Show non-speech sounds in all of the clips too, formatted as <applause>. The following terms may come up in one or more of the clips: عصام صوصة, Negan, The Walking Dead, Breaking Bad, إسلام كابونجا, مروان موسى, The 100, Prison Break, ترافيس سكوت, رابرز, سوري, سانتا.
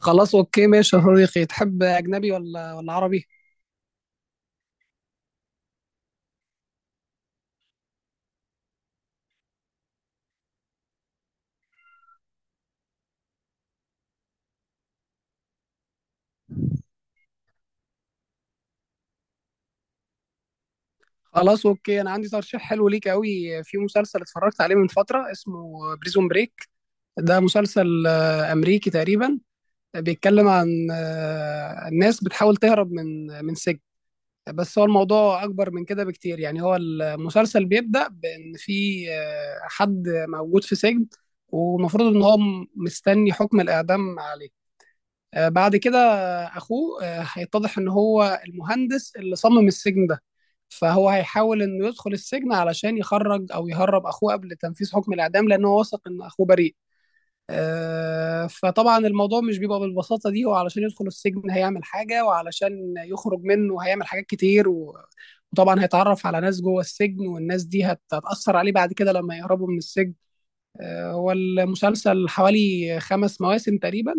خلاص اوكي ماشي يا صديقي، تحب اجنبي ولا عربي؟ خلاص اوكي، انا عندي ترشيح حلو ليك قوي في مسلسل اتفرجت عليه من فتره، اسمه بريزون بريك. ده مسلسل امريكي تقريبا. بيتكلم عن الناس بتحاول تهرب من سجن. بس هو الموضوع اكبر من كده بكتير، يعني هو المسلسل بيبدأ بان في حد موجود في سجن، ومفروض ان هو مستني حكم الاعدام عليه. بعد كده اخوه هيتضح ان هو المهندس اللي صمم السجن ده، فهو هيحاول انه يدخل السجن علشان يخرج او يهرب اخوه قبل تنفيذ حكم الاعدام، لان هو واثق ان اخوه بريء. فطبعا الموضوع مش بيبقى بالبساطه دي، هو علشان يدخل السجن هيعمل حاجه، وعلشان يخرج منه هيعمل حاجات كتير، وطبعا هيتعرف على ناس جوه السجن، والناس دي هتاثر عليه بعد كده لما يهربوا من السجن. هو المسلسل حوالي 5 مواسم تقريبا،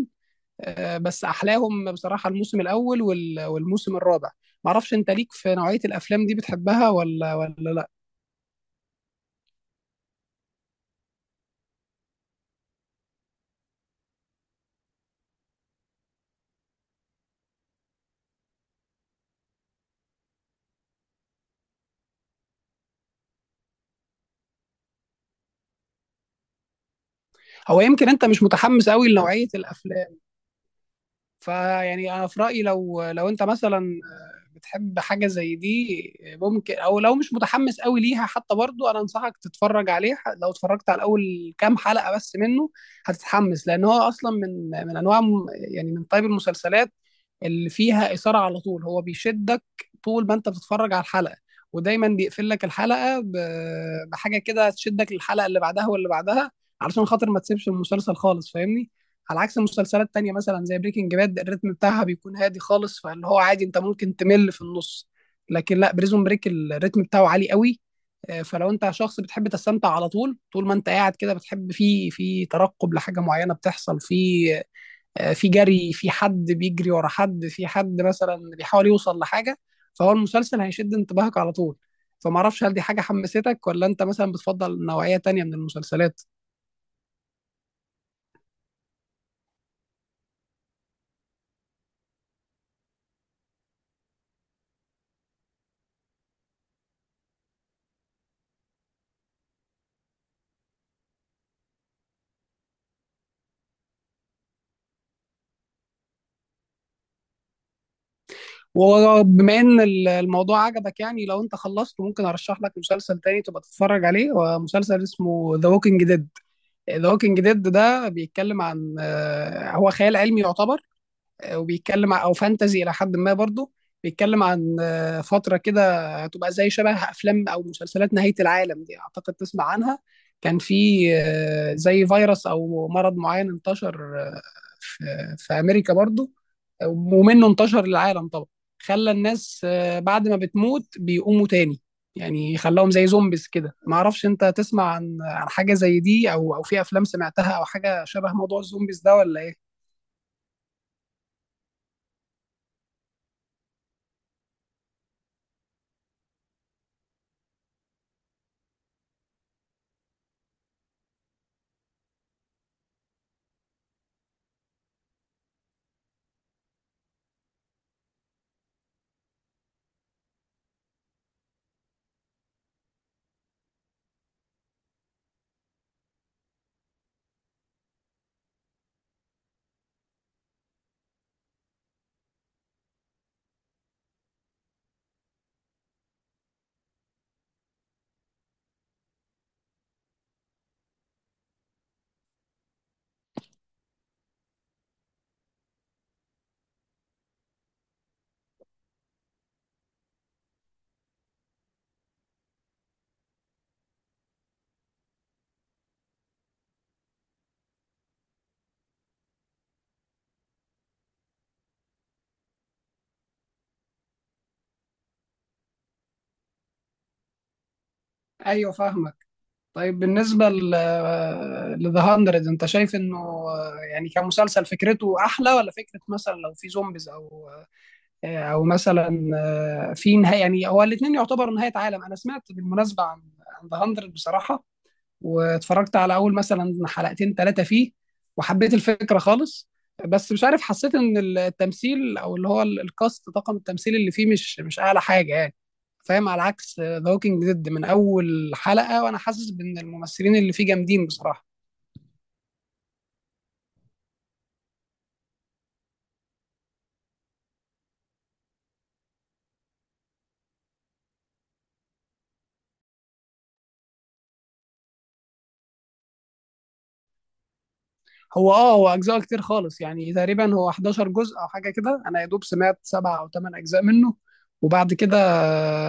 بس احلاهم بصراحه الموسم الاول والموسم الرابع. ما اعرفش انت ليك في نوعيه الافلام دي بتحبها ولا لا؟ هو يمكن انت مش متحمس قوي لنوعيه الافلام، فيعني انا في رايي لو انت مثلا بتحب حاجة زي دي ممكن، او لو مش متحمس قوي ليها حتى برضو انا انصحك تتفرج عليه. لو اتفرجت على اول كام حلقة بس منه هتتحمس، لان هو اصلا من انواع يعني من طيب المسلسلات اللي فيها إثارة على طول، هو بيشدك طول ما انت بتتفرج على الحلقة، ودايما بيقفل لك الحلقة بحاجة كده تشدك للحلقة اللي بعدها واللي بعدها، علشان خاطر ما تسيبش المسلسل خالص، فاهمني. على عكس مسلسلات تانية مثلا زي بريكنج باد، الريتم بتاعها بيكون هادي خالص، فاللي هو عادي انت ممكن تمل في النص. لكن لا، بريزون بريك الريتم بتاعه عالي قوي. فلو انت شخص بتحب تستمتع على طول، طول ما انت قاعد كده بتحب في ترقب لحاجة معينة بتحصل في في جري، في حد بيجري ورا حد، في حد مثلا بيحاول يوصل لحاجة، فهو المسلسل هيشد انتباهك على طول. فما اعرفش هل دي حاجة حمستك، ولا انت مثلا بتفضل نوعية تانية من المسلسلات؟ وبما ان الموضوع عجبك، يعني لو انت خلصت ممكن ارشح لك مسلسل تاني تبقى تتفرج عليه، ومسلسل اسمه ذا ووكينج ديد. ذا ووكينج ديد ده بيتكلم عن هو خيال علمي يعتبر، وبيتكلم او فانتزي الى حد ما برضه. بيتكلم عن فتره كده هتبقى زي شبه افلام او مسلسلات نهايه العالم دي، اعتقد تسمع عنها. كان في زي فيروس او مرض معين انتشر، في في امريكا برضه، ومنه انتشر للعالم طبعا. خلى الناس بعد ما بتموت بيقوموا تاني، يعني خلاهم زي زومبيز كده. ما اعرفش انت تسمع عن حاجه زي دي، او في افلام سمعتها او حاجه شبه موضوع الزومبيز ده ولا ايه؟ ايوه فاهمك. طيب بالنسبة ل ذا 100 انت شايف انه يعني كمسلسل فكرته احلى، ولا فكرة مثلا لو في زومبيز او او مثلا في نهاية، يعني هو الاثنين يعتبر نهاية عالم. انا سمعت بالمناسبة عن ذا 100 بصراحة، واتفرجت على اول مثلا حلقتين ثلاثه فيه، وحبيت الفكره خالص، بس مش عارف، حسيت ان التمثيل او اللي هو الكاست، طاقم التمثيل اللي فيه مش اعلى حاجه يعني، فاهم؟ على عكس ذا ووكينج ديد، من اول حلقه وانا حاسس بان الممثلين اللي فيه جامدين بصراحه. هو هو اجزاء كتير خالص، يعني تقريبا هو 11 جزء او حاجه كده، انا يا دوب سمعت سبعة او ثمان اجزاء منه. وبعد كده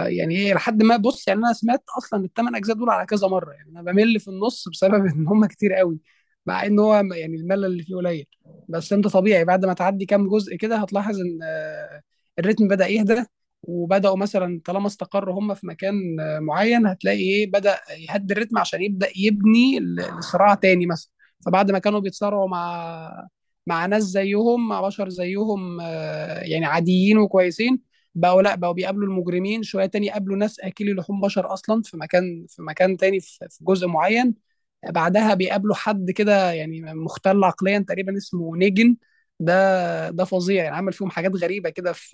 يعني ايه، لحد ما، بص يعني انا سمعت اصلا الثمان اجزاء دول على كذا مره، يعني انا بمل في النص بسبب <laughs> ان هم كتير قوي، مع ان هو يعني الملل اللي فيه قليل. بس انت طبيعي بعد ما تعدي كام جزء كده هتلاحظ ان الريتم بدأ يهدى، وبدأوا مثلا طالما استقروا هم في مكان معين، هتلاقي ايه، بدأ يهدي الريتم عشان يبدأ يبني الصراع تاني مثلا. فبعد ما كانوا بيتصارعوا مع ناس زيهم، مع بشر زيهم يعني عاديين وكويسين، بقوا لا، بقوا بيقابلوا المجرمين شويه تاني، قابلوا ناس اكلي لحوم بشر اصلا في مكان تاني، في جزء معين. بعدها بيقابلوا حد كده يعني مختل عقليا تقريبا، اسمه نيجن. ده فظيع، يعني عمل فيهم حاجات غريبه كده في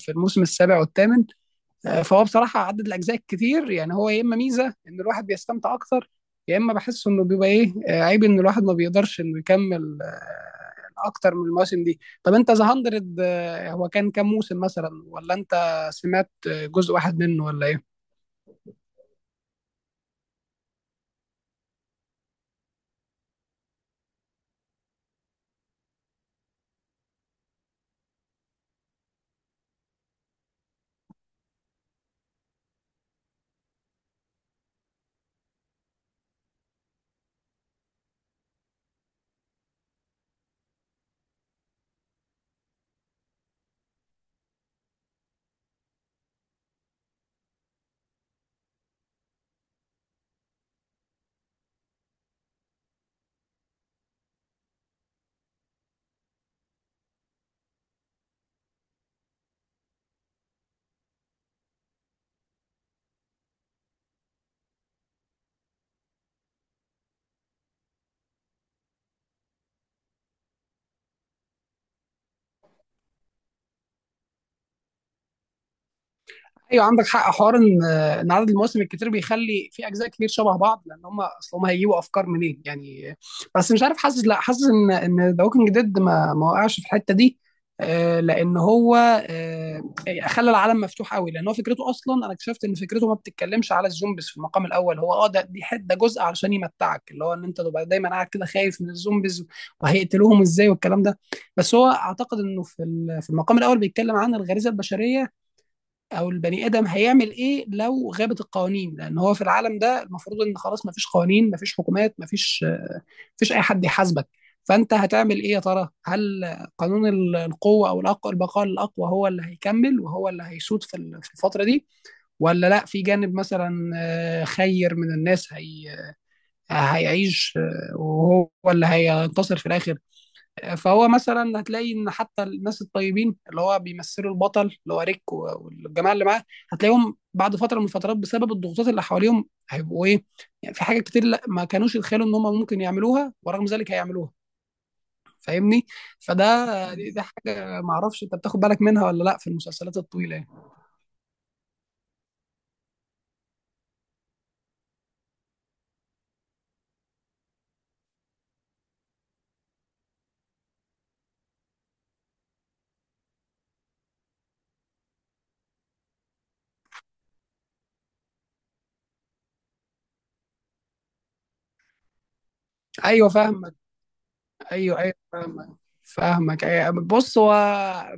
في الموسم السابع والثامن. فهو بصراحه عدد الاجزاء كتير، يعني هو يا اما ميزه ان الواحد بيستمتع اكتر، يا اما بحس انه بيبقى ايه، عيب ان الواحد ما بيقدرش انه يكمل اكتر من المواسم دي. طب انت ذا 100 هو كان كام موسم مثلا، ولا انت سمعت جزء واحد منه ولا ايه؟ ايوه عندك حق، حوار ان عدد المواسم الكتير بيخلي في اجزاء كتير شبه بعض، لان هم اصل هم هيجيبوا افكار منين يعني. بس مش عارف، حاسس لا، حاسس ان ذا ووكينج ديد ما وقعش في الحته دي. لان هو يعني خلى العالم مفتوح قوي، لان هو فكرته اصلا، انا اكتشفت ان فكرته ما بتتكلمش على الزومبيز في المقام الاول، هو ده دي حته ده جزء علشان يمتعك، اللي هو ان انت تبقى دايما قاعد كده خايف من الزومبيز وهيقتلوهم ازاي والكلام ده. بس هو اعتقد انه في في المقام الاول بيتكلم عن الغريزه البشريه، او البني ادم هيعمل ايه لو غابت القوانين، لان هو في العالم ده المفروض ان خلاص مفيش قوانين، مفيش حكومات، مفيش مفيش اي حد يحاسبك. فانت هتعمل ايه يا ترى؟ هل قانون القوه او البقاء للاقوى هو اللي هيكمل وهو اللي هيسود في في الفتره دي، ولا لا، في جانب مثلا خير من الناس هي هيعيش وهو اللي هينتصر في الاخر. فهو مثلا هتلاقي ان حتى الناس الطيبين اللي هو بيمثلوا البطل، اللي هو ريك والجماعه اللي معاه، هتلاقيهم بعد فتره من الفترات بسبب الضغوطات اللي حواليهم هيبقوا ايه، يعني في حاجات كتير لا ما كانوش يتخيلوا ان هم ممكن يعملوها ورغم ذلك هيعملوها، فاهمني؟ فده، دي حاجه ما اعرفش انت بتاخد بالك منها ولا لا في المسلسلات الطويله يعني. ايوه فاهمك. ايوه ايوه فاهمك. فاهمك أيوة. بص هو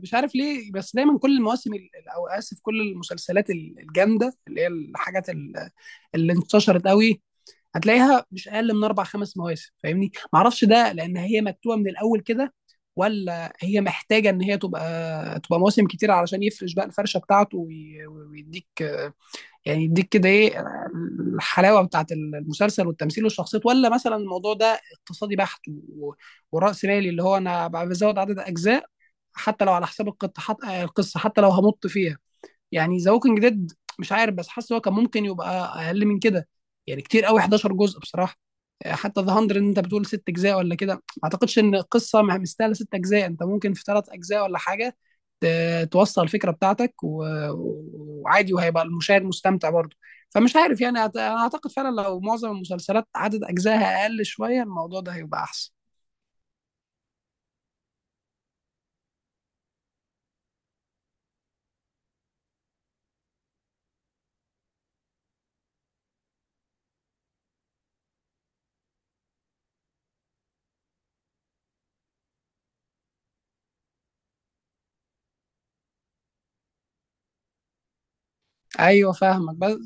مش عارف ليه، بس دايما كل المواسم او اسف كل المسلسلات الجامده، اللي هي الحاجات اللي انتشرت قوي، هتلاقيها مش اقل من اربع خمس مواسم، فاهمني؟ ما اعرفش ده لان هي مكتوبه من الاول كده، ولا هي محتاجه ان هي تبقى مواسم كتير علشان يفرش بقى الفرشه بتاعته ويديك، يعني يديك كده ايه، الحلاوه بتاعت المسلسل والتمثيل والشخصيات، ولا مثلا الموضوع ده اقتصادي بحت، وراس مالي، اللي هو انا بزود عدد اجزاء حتى لو على حساب القصه، حتى لو همط فيها. يعني ذا ووكينج ديد مش عارف، بس حاسس هو كان ممكن يبقى اقل من كده. يعني كتير قوي 11 جزء بصراحه. حتى ذا 100 انت بتقول 6 اجزاء ولا كده، ما اعتقدش ان القصه مستاهله ست اجزاء، انت ممكن في 3 اجزاء ولا حاجه توصل الفكره بتاعتك وعادي، وهيبقى المشاهد مستمتع برضه. فمش عارف يعني انا اعتقد فعلا لو معظم المسلسلات عدد اجزائها اقل شويه الموضوع ده هيبقى احسن. ايوه فاهمك بس.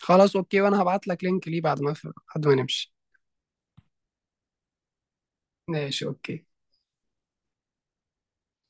خلاص اوكي، وانا هبعت لك لينك ليه بعد ما نمشي. ماشي اوكي.